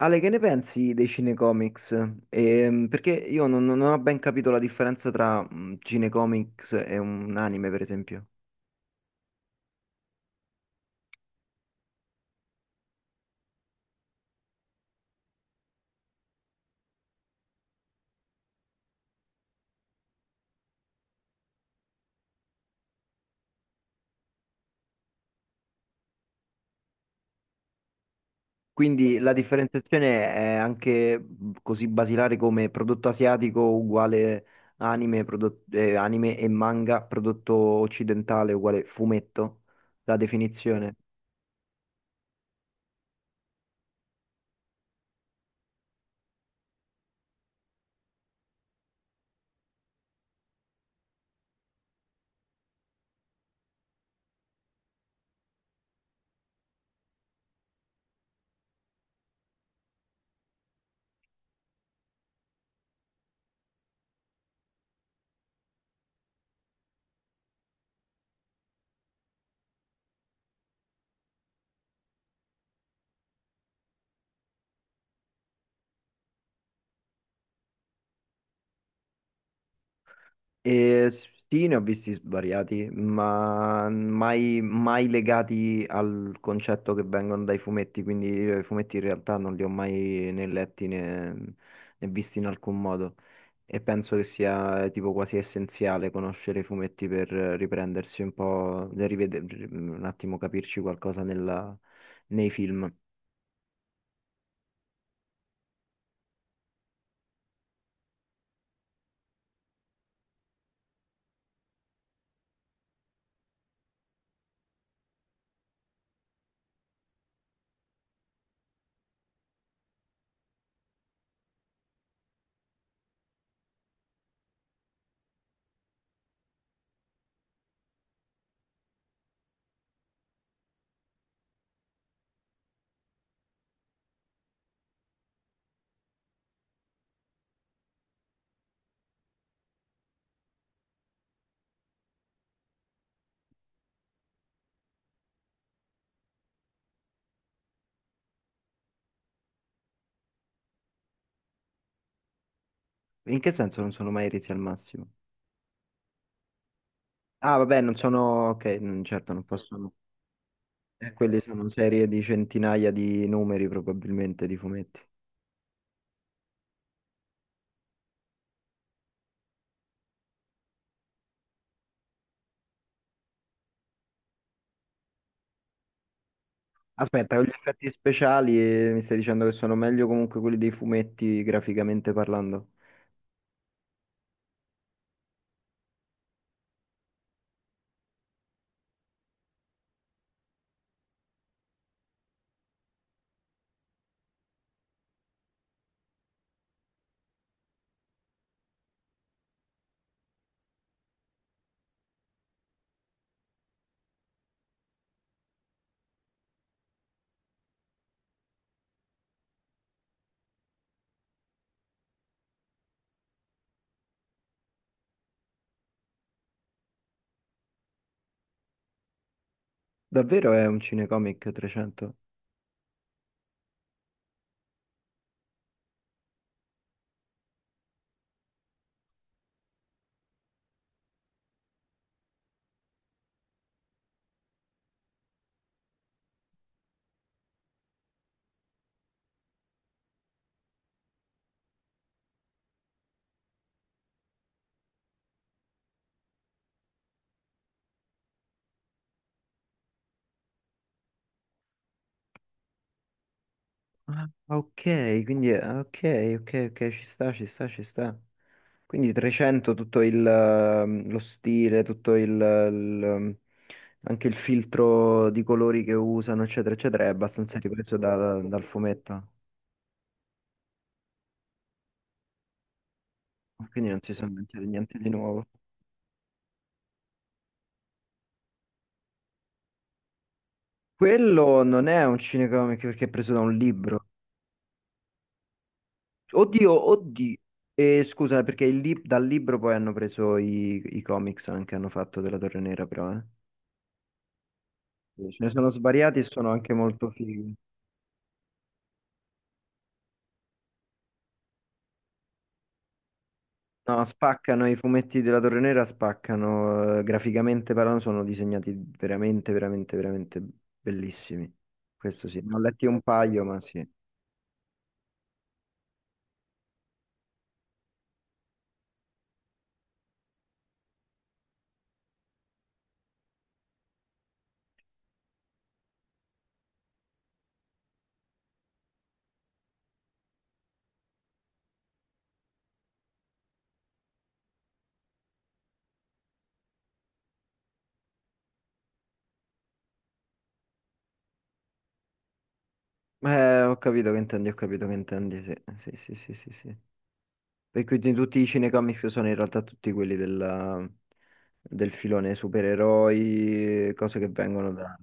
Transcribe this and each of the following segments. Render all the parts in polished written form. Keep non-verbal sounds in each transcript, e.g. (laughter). Ale, che ne pensi dei cinecomics? Perché io non ho ben capito la differenza tra cinecomics e un anime, per esempio. Quindi la differenziazione è anche così basilare come prodotto asiatico uguale anime, anime e manga, prodotto occidentale uguale fumetto, la definizione. E sì, ne ho visti svariati, ma mai legati al concetto che vengono dai fumetti, quindi io i fumetti in realtà non li ho mai né letti né visti in alcun modo. E penso che sia tipo quasi essenziale conoscere i fumetti per riprendersi un po', nel un attimo capirci qualcosa nei film. In che senso non sono mai resi al massimo? Ah, vabbè, non sono... Ok, mm, certo, non posso. Quelli sono serie di centinaia di numeri probabilmente di fumetti. Aspetta, con gli effetti speciali mi stai dicendo che sono meglio comunque quelli dei fumetti graficamente parlando? Davvero è un cinecomic 300? Ah, ok, ok, ok, ok, ci sta, ci sta, ci sta. Quindi 300, tutto lo stile, tutto ehm, anche il filtro di colori che usano, eccetera, eccetera, è abbastanza ripreso dal fumetto. Quindi non si sono inventati niente di nuovo. Quello non è un cinecomic perché è preso da un libro. Oddio, oddio. E scusa, perché dal libro poi hanno preso i comics anche, hanno fatto della Torre Nera però, eh. Sì, ce ne dici? Sono svariati e sono anche molto fighi. No, spaccano i fumetti della Torre Nera, spaccano, graficamente parlando, sono disegnati veramente, veramente, veramente bellissimi. Questo sì, ne ho letti un paio, ma sì. Ho capito che intendi, ho capito che intendi, sì, sì, sì, sì, sì, sì. E quindi tutti i cinecomics sono in realtà tutti quelli del filone supereroi, cose che vengono da...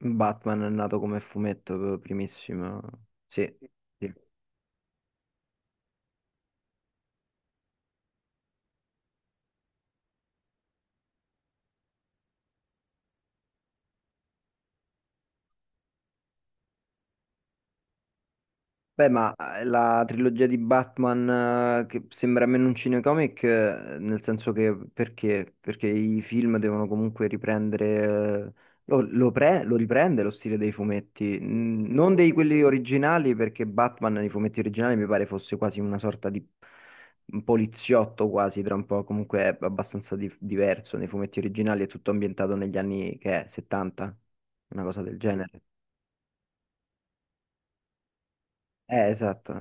Batman è nato come fumetto primissimo. Sì, sì. Beh, ma la trilogia di Batman, che sembra meno un cinecomic, nel senso che perché? Perché i film devono comunque riprendere, lo riprende lo stile dei fumetti. Mm, non dei quelli originali, perché Batman nei fumetti originali mi pare fosse quasi una sorta di poliziotto quasi, tra un po', comunque è abbastanza diverso, nei fumetti originali è tutto ambientato negli anni che è, 70, una cosa del genere. Esatto. (laughs)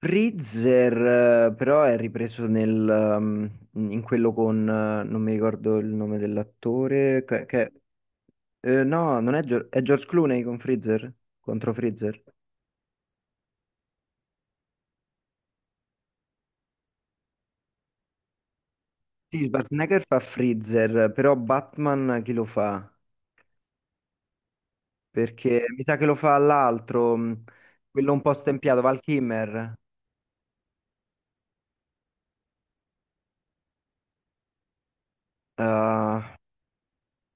Freezer, però è ripreso um, in quello con, non mi ricordo il nome dell'attore, no, non è, Gio- è George Clooney con Freezer, contro Freezer. Sì, Schwarzenegger fa Freezer, però Batman chi lo fa? Perché mi sa che lo fa l'altro, quello un po' stempiato, Val Kilmer. Ah,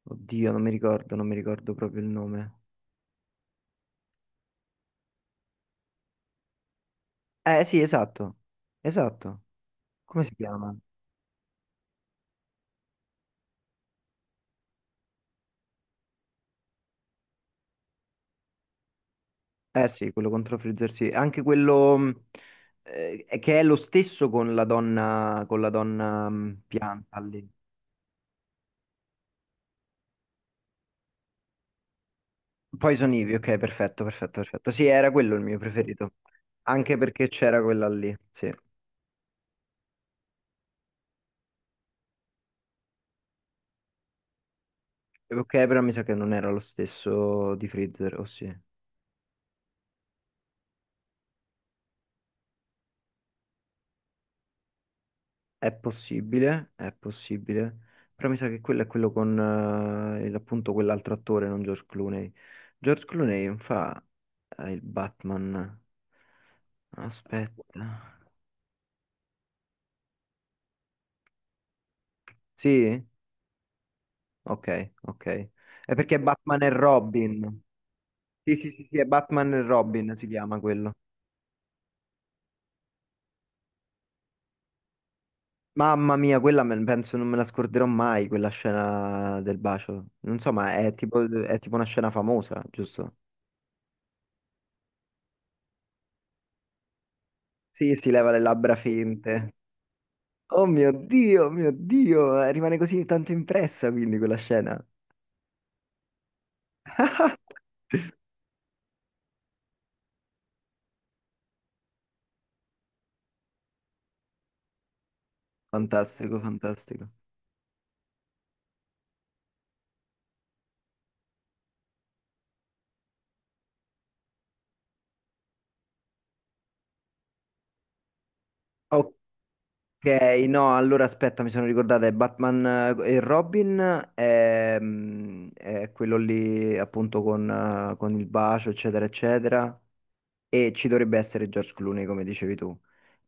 oddio, non mi ricordo, non mi ricordo proprio il nome. Eh sì, esatto, esatto. Come si chiama? Eh sì, quello contro Freezer sì. Anche quello che è lo stesso con la donna pianta lì. Poison Ivy, ok, perfetto, perfetto, perfetto. Sì, era quello il mio preferito. Anche perché c'era quella lì, sì. Ok, però mi sa che non era lo stesso di Freezer, o sì. È possibile, però mi sa che quello è quello con appunto quell'altro attore, non George Clooney. George Clooney non fa il Batman. Aspetta. Sì? Ok, ok. È perché è Batman e Robin. Sì, sì, sì, sì, è Batman e Robin si chiama quello. Mamma mia, penso non me la scorderò mai, quella scena del bacio. Non so, ma è tipo una scena famosa, giusto? Sì, si leva le labbra finte. Oh mio Dio, rimane così tanto impressa quindi quella scena. Fantastico, fantastico. Ok, no, allora aspetta, mi sono ricordata, è Batman e Robin, è, quello lì appunto con il bacio, eccetera, eccetera. E ci dovrebbe essere George Clooney, come dicevi tu.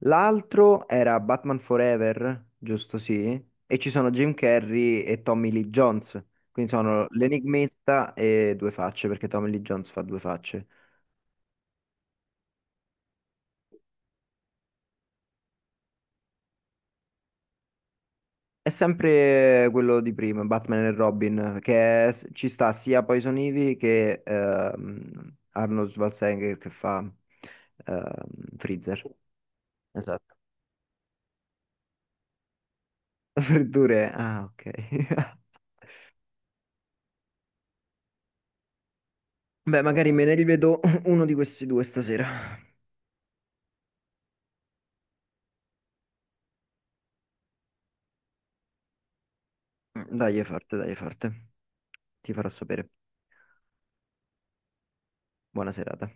L'altro era Batman Forever, giusto sì, e ci sono Jim Carrey e Tommy Lee Jones. Quindi sono l'enigmista e due facce, perché Tommy Lee Jones fa due facce. È sempre quello di prima, Batman e Robin, ci sta sia Poison Ivy che Arnold Schwarzenegger che fa ehm, Freezer. Esatto. (laughs) Freddure, ah ok. (laughs) Beh, magari me ne rivedo (laughs) uno di questi due stasera. Dai, è forte, dai, è forte. Ti farò sapere. Buona serata.